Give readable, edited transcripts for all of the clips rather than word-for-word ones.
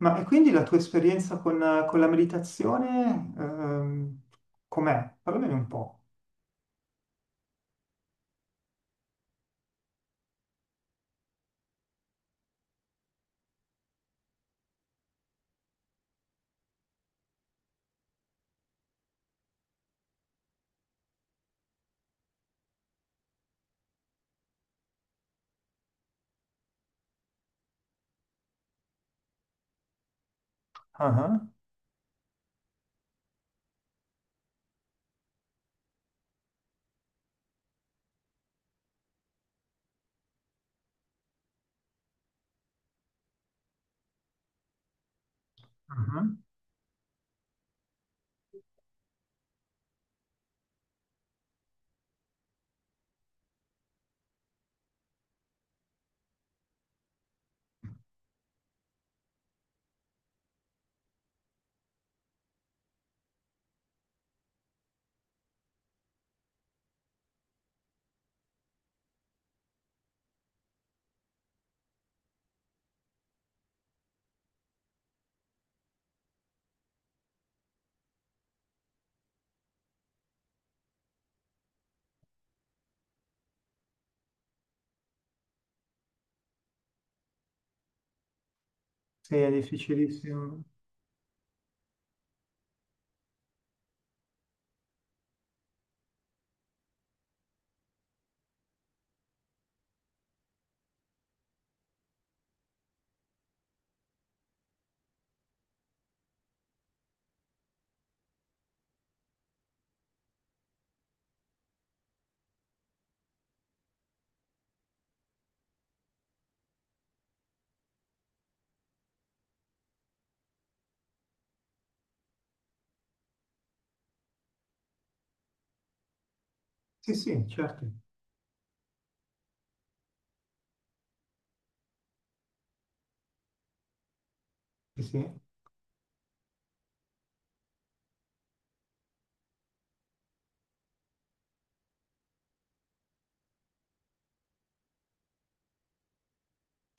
Ma e quindi la tua esperienza con la meditazione, com'è? Parlamene un po'. Ah, ah, sì, è difficilissimo. Sì, sì, certo. Sì, sì.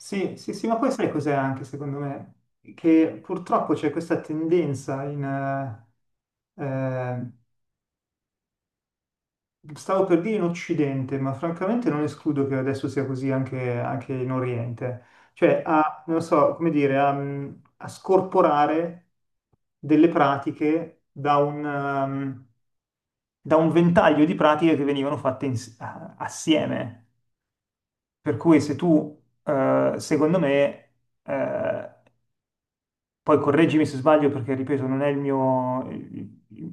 Sì, sì, sì, ma poi sai cos'è anche secondo me? Che purtroppo c'è questa tendenza in, stavo per dire in Occidente, ma francamente non escludo che adesso sia così anche, anche in Oriente. Cioè, a, non so, come dire, a, a scorporare delle pratiche da un, da un ventaglio di pratiche che venivano fatte assieme. Per cui se tu, secondo me, eh, poi correggimi se sbaglio perché, ripeto, non è il mio...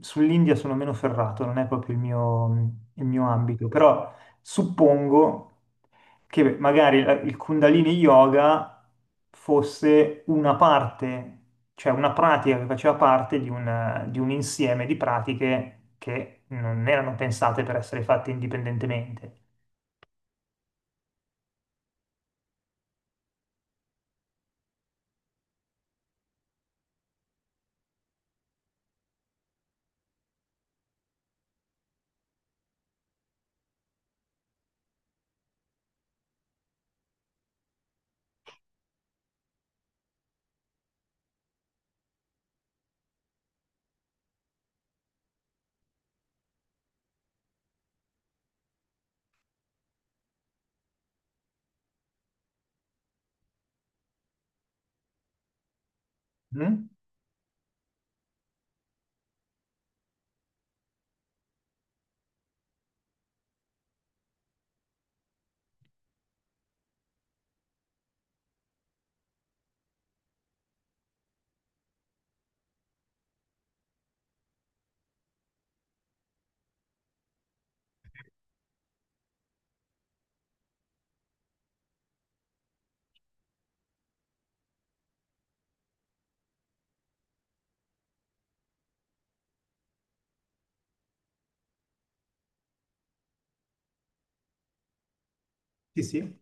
Sull'India sono meno ferrato, non è proprio il mio ambito, però suppongo che magari il Kundalini Yoga fosse una parte, cioè una pratica che faceva parte di un insieme di pratiche che non erano pensate per essere fatte indipendentemente. Mm? Sì, sì.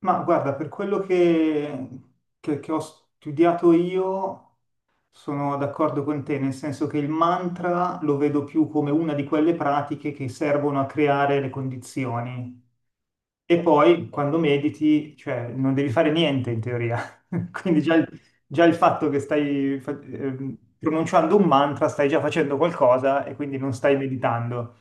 Ma guarda, per quello che ho studiato io, sono d'accordo con te, nel senso che il mantra lo vedo più come una di quelle pratiche che servono a creare le condizioni. E poi quando mediti, cioè, non devi fare niente in teoria. Quindi già il fatto che stai pronunciando un mantra, stai già facendo qualcosa e quindi non stai meditando.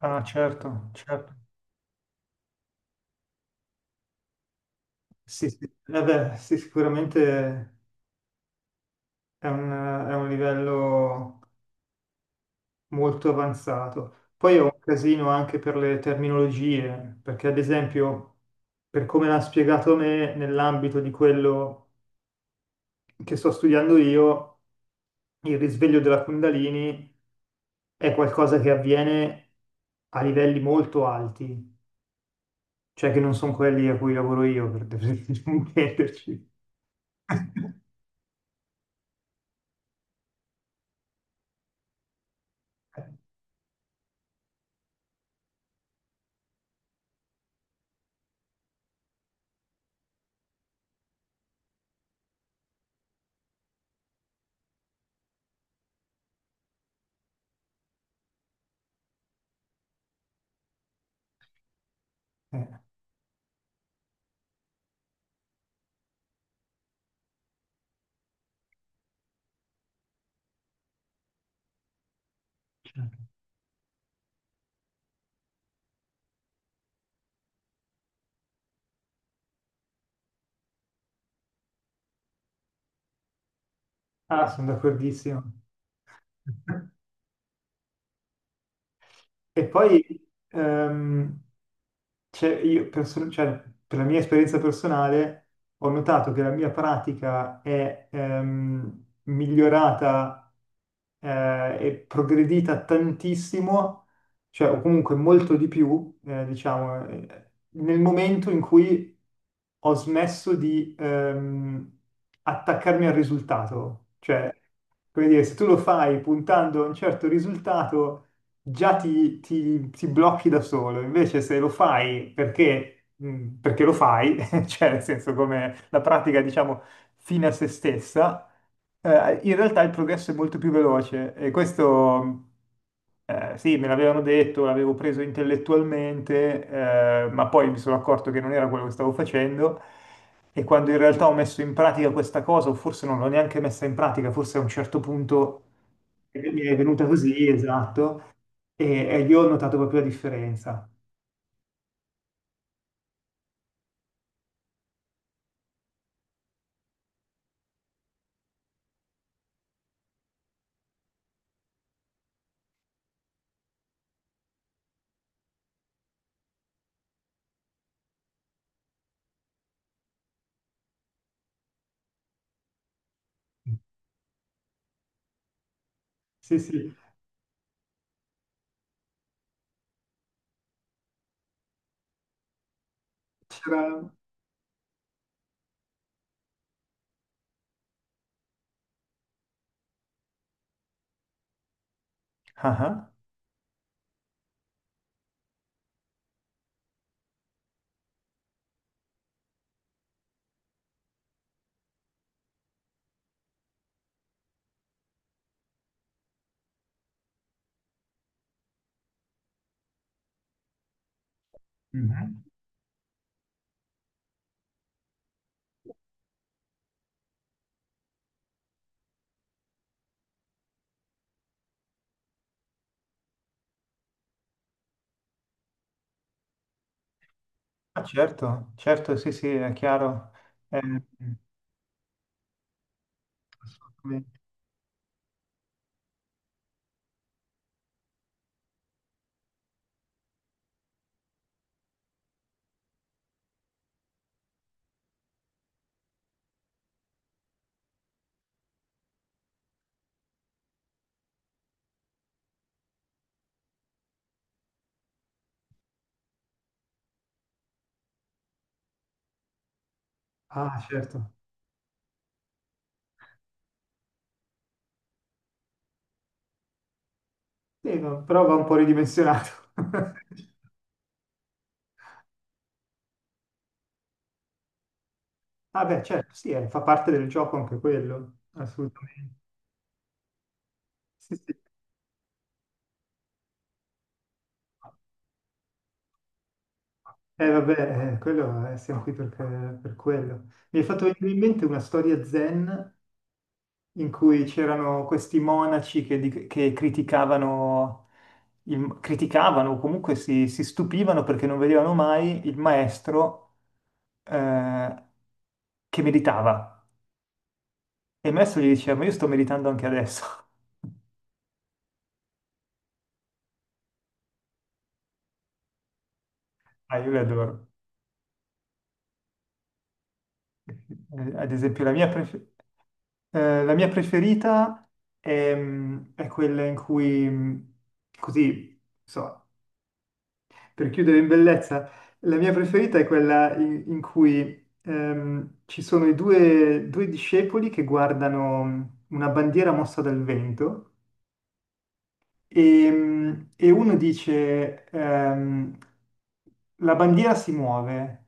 Ah, certo, certo. Sì, sì. Vabbè, sì, sicuramente è un livello molto avanzato. Poi è un casino anche per le terminologie, perché ad esempio, per come l'ha spiegato me, nell'ambito di quello che sto studiando io, il risveglio della Kundalini è qualcosa che avviene a livelli molto alti, cioè che non sono quelli a cui lavoro io, per intenderci. Eh, certo. Ah, sono d'accordissimo. E poi ehm, cioè, cioè, per la mia esperienza personale ho notato che la mia pratica è migliorata e progredita tantissimo, cioè, o comunque molto di più, diciamo, nel momento in cui ho smesso di attaccarmi al risultato. Cioè, come dire, se tu lo fai puntando a un certo risultato già ti blocchi da solo, invece se lo fai perché, perché lo fai, cioè nel senso come la pratica diciamo fine a se stessa, in realtà il progresso è molto più veloce e questo sì, me l'avevano detto, l'avevo preso intellettualmente, ma poi mi sono accorto che non era quello che stavo facendo e quando in realtà ho messo in pratica questa cosa, o forse non l'ho neanche messa in pratica, forse a un certo punto mi è venuta così, esatto, e lì ho notato proprio la differenza. Sì, sì, c'era... Ah, ah. Mhm. Ah, certo, certo, sì, sì, è chiaro. Eh, assolutamente. Ah, certo. Sì, no, però va un po' ridimensionato. Ah beh, certo, sì, fa parte del gioco anche quello, assolutamente. Sì, sì. Vabbè, quello, siamo qui per quello. Mi è fatto venire in mente una storia zen in cui c'erano questi monaci che criticavano, criticavano o comunque si, si stupivano perché non vedevano mai il maestro eh, che meditava. E il maestro gli diceva, ma io sto meditando anche adesso. Ah, io li adoro. Ad esempio, la mia preferita è, mm, è quella in cui, mm, così, insomma, per chiudere in bellezza, la mia preferita è quella in cui ci sono due discepoli che guardano una bandiera mossa dal vento e uno dice, la bandiera si muove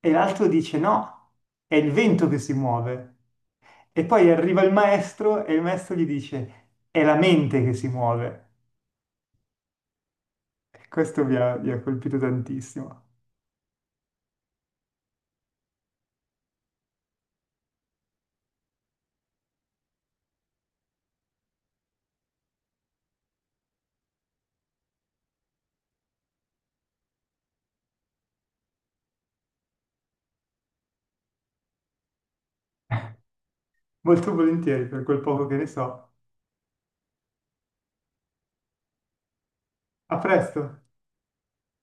e l'altro dice no, è il vento che si muove. E poi arriva il maestro e il maestro gli dice, è la mente che si muove. E questo mi ha colpito tantissimo. Molto volentieri per quel poco che ne so. A presto!